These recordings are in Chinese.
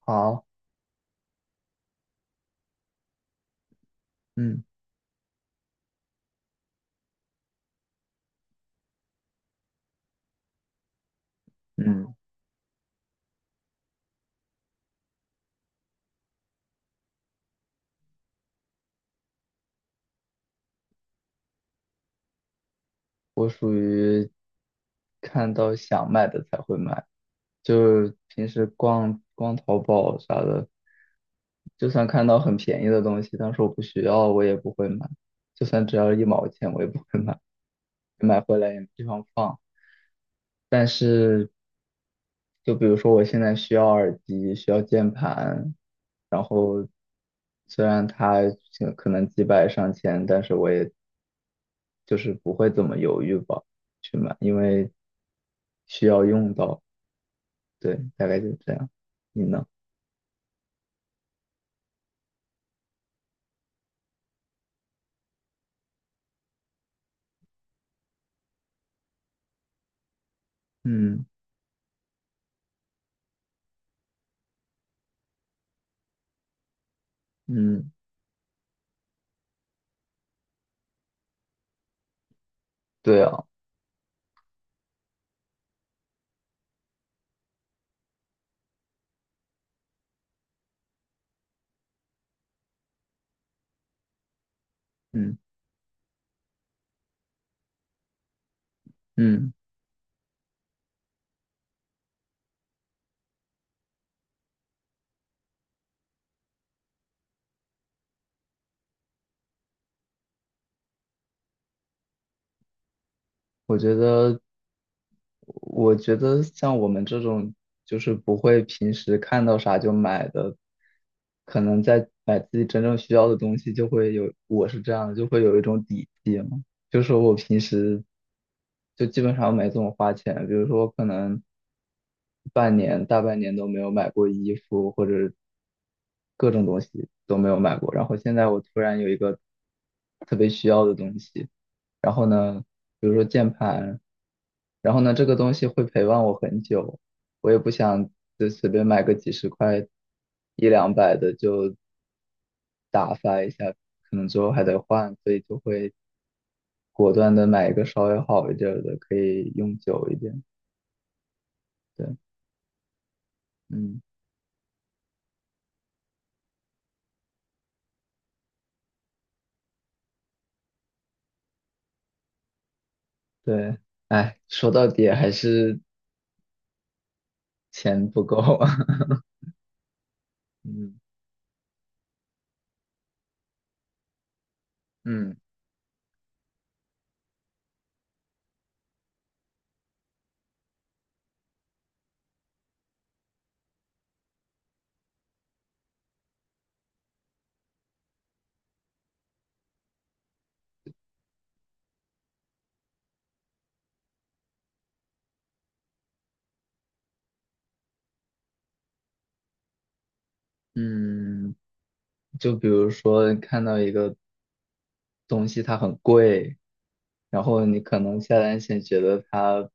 好，嗯嗯，我属于看到想买的才会买，就是平时逛逛淘宝啥的，就算看到很便宜的东西，但是我不需要，我也不会买。就算只要1毛钱，我也不会买回来，也没地方放。但是就比如说我现在需要耳机，需要键盘，然后虽然它可能几百上千，但是我也就是不会怎么犹豫吧，去买，因为需要用到。对，大概就这样。你呢？嗯嗯，对啊，嗯嗯。我觉得，我觉得,像我们这种就是不会平时看到啥就买的，可能在买自己真正需要的东西，就会有，我是这样的，就会有一种底气嘛。就是我平时就基本上没怎么花钱，比如说可能半年、大半年都没有买过衣服，或者各种东西都没有买过。然后现在我突然有一个特别需要的东西，然后呢，比如说键盘，然后呢，这个东西会陪伴我很久，我也不想就随便买个几十块、一两百的就打发一下，可能之后还得换，所以就会果断的买一个稍微好一点儿的，可以用久一点。对，嗯，对，哎，说到底还是钱不够 嗯嗯嗯，就比如说你看到一个东西它很贵，然后你可能下单前觉得它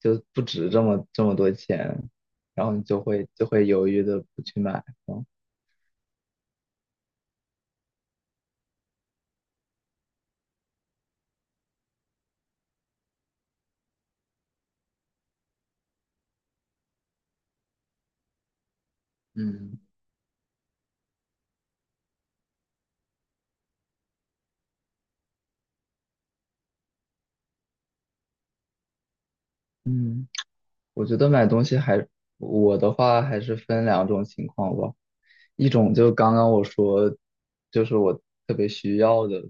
就不值这么多钱，然后你就会犹豫的不去买。嗯嗯，嗯。我觉得买东西还，我的话还是分两种情况吧。一种就刚刚我说，就是我特别需要的，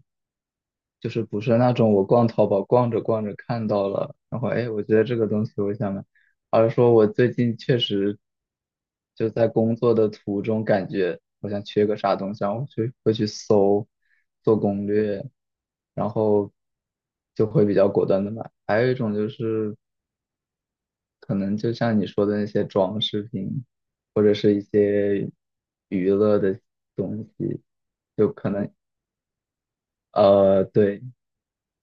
就是不是那种我逛淘宝逛着逛着看到了，然后哎，我觉得这个东西我想买，而是说我最近确实就在工作的途中感觉好像缺个啥东西，然后去会去搜，做攻略，然后就会比较果断的买。还有一种就是可能就像你说的那些装饰品，或者是一些娱乐的东西，就可能对。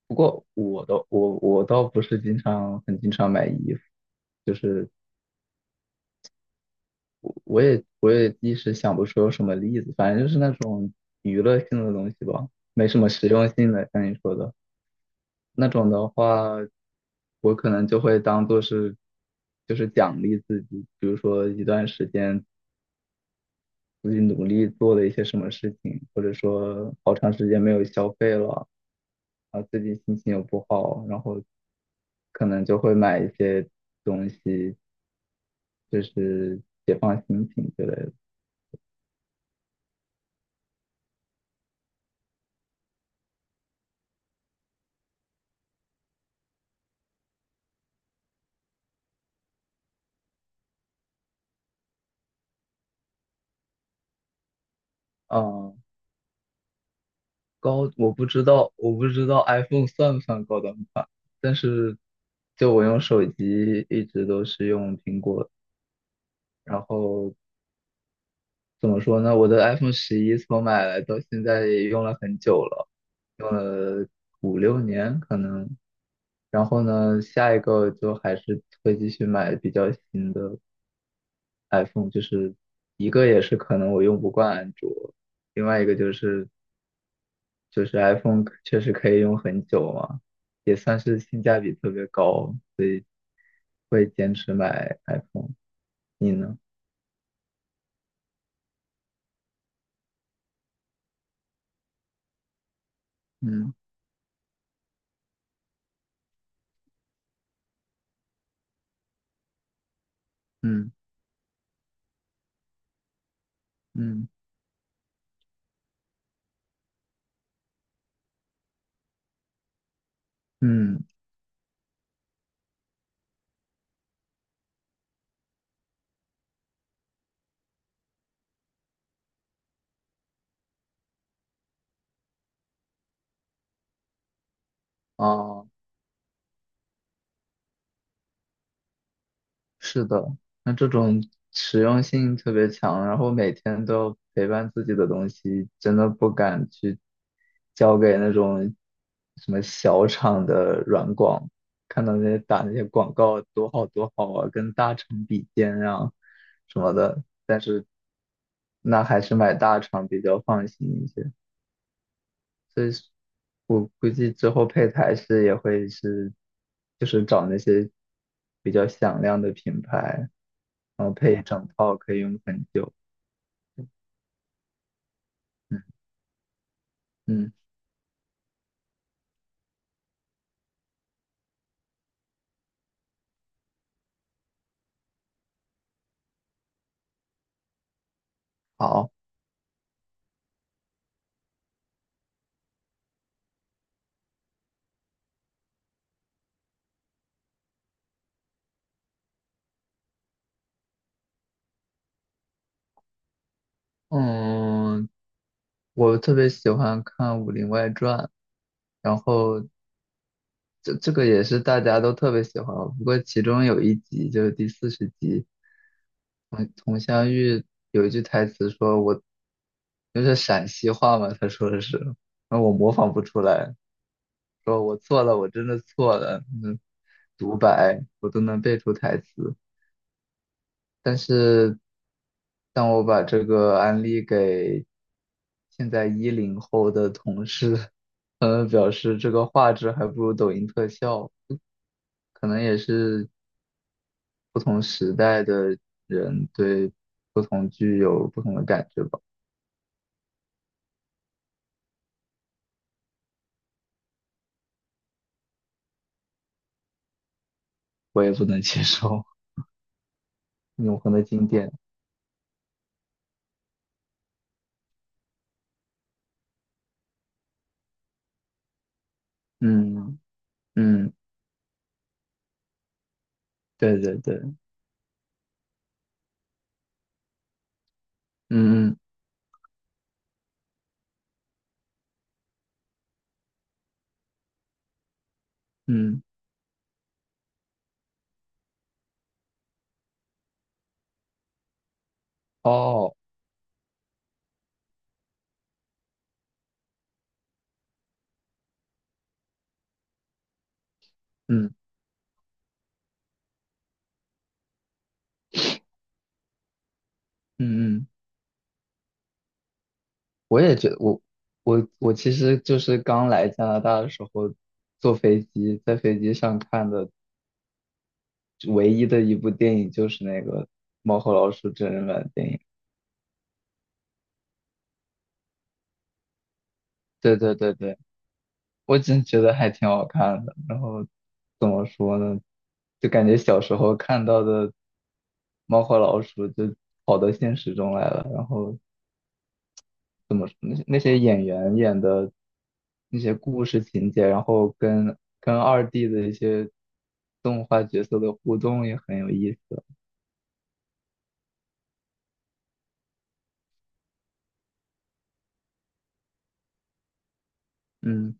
不过我倒不是经常很经常买衣服，就是我也一时想不出有什么例子，反正就是那种娱乐性的东西吧，没什么实用性的，像你说的那种的话，我可能就会当做是就是奖励自己，比如说一段时间自己努力做的一些什么事情，或者说好长时间没有消费了。啊，最近心情又不好，然后可能就会买一些东西，就是解放心情之类的。啊，高，我不知道，我不知道 iPhone 算不算高端款，但是就我用手机一直都是用苹果，然后怎么说呢？我的 iPhone 11从买来到现在也用了很久了，用了5、6年可能。然后呢，下一个就还是会继续买比较新的 iPhone,就是一个也是可能我用不惯安卓，另外一个就是 iPhone 确实可以用很久嘛，也算是性价比特别高，所以会坚持买 iPhone。你呢？嗯嗯嗯嗯，哦。是的。那这种实用性特别强，然后每天都要陪伴自己的东西，真的不敢去交给那种什么小厂的软广，看到那些打那些广告多好多好啊，跟大厂比肩啊什么的。那还是买大厂比较放心一些。所以是我估计之后配台式也会是，就是找那些比较响亮的品牌。然后配一整套可以用很久。嗯嗯，好，嗯，我特别喜欢看《武林外传》。然后这个也是大家都特别喜欢，不过其中有一集就是第40集，佟湘玉有一句台词说我。就是陕西话嘛，他说的是，那我模仿不出来，说我错了，我真的错了，嗯，独白我都能背出台词。但是当我把这个案例给现在10后的同事，他们表示这个画质还不如抖音特效。可能也是不同时代的人对不同剧有不同的感觉吧，我也不能接受 永恒的经典。嗯嗯，对对对，嗯嗯嗯，哦，嗯嗯嗯。我也觉得我其实就是刚来加拿大的时候，坐飞机在飞机上看的唯一的一部电影就是那个《猫和老鼠》真人版电影。对对对对，我真觉得还挺好看的。然后怎么说呢，就感觉小时候看到的猫和老鼠就跑到现实中来了，然后怎么那些演员演的那些故事情节，然后跟2D 的一些动画角色的互动也很有意思。嗯，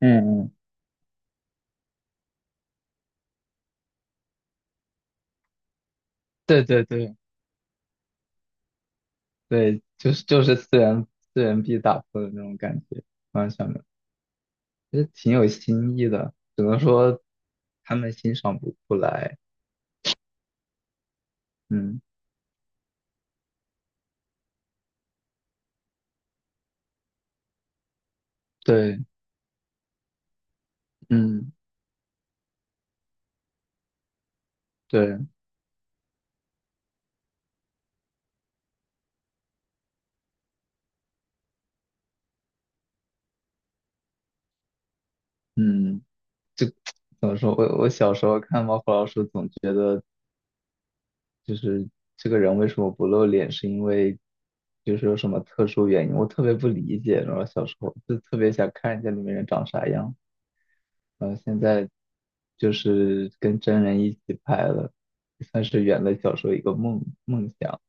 嗯嗯，对对对对，就是四元壁打破的那种感觉，完全的，有，其实挺有新意的，只能说他们欣赏不出来。嗯，对，嗯对，嗯，就 怎么说，我小时候看《猫和老鼠》，总觉得。就是这个人为什么不露脸，是因为就是有什么特殊原因，我特别不理解。然后小时候就特别想看一下里面人长啥样，然后现在就是跟真人一起拍了，算是圆了小时候一个梦想。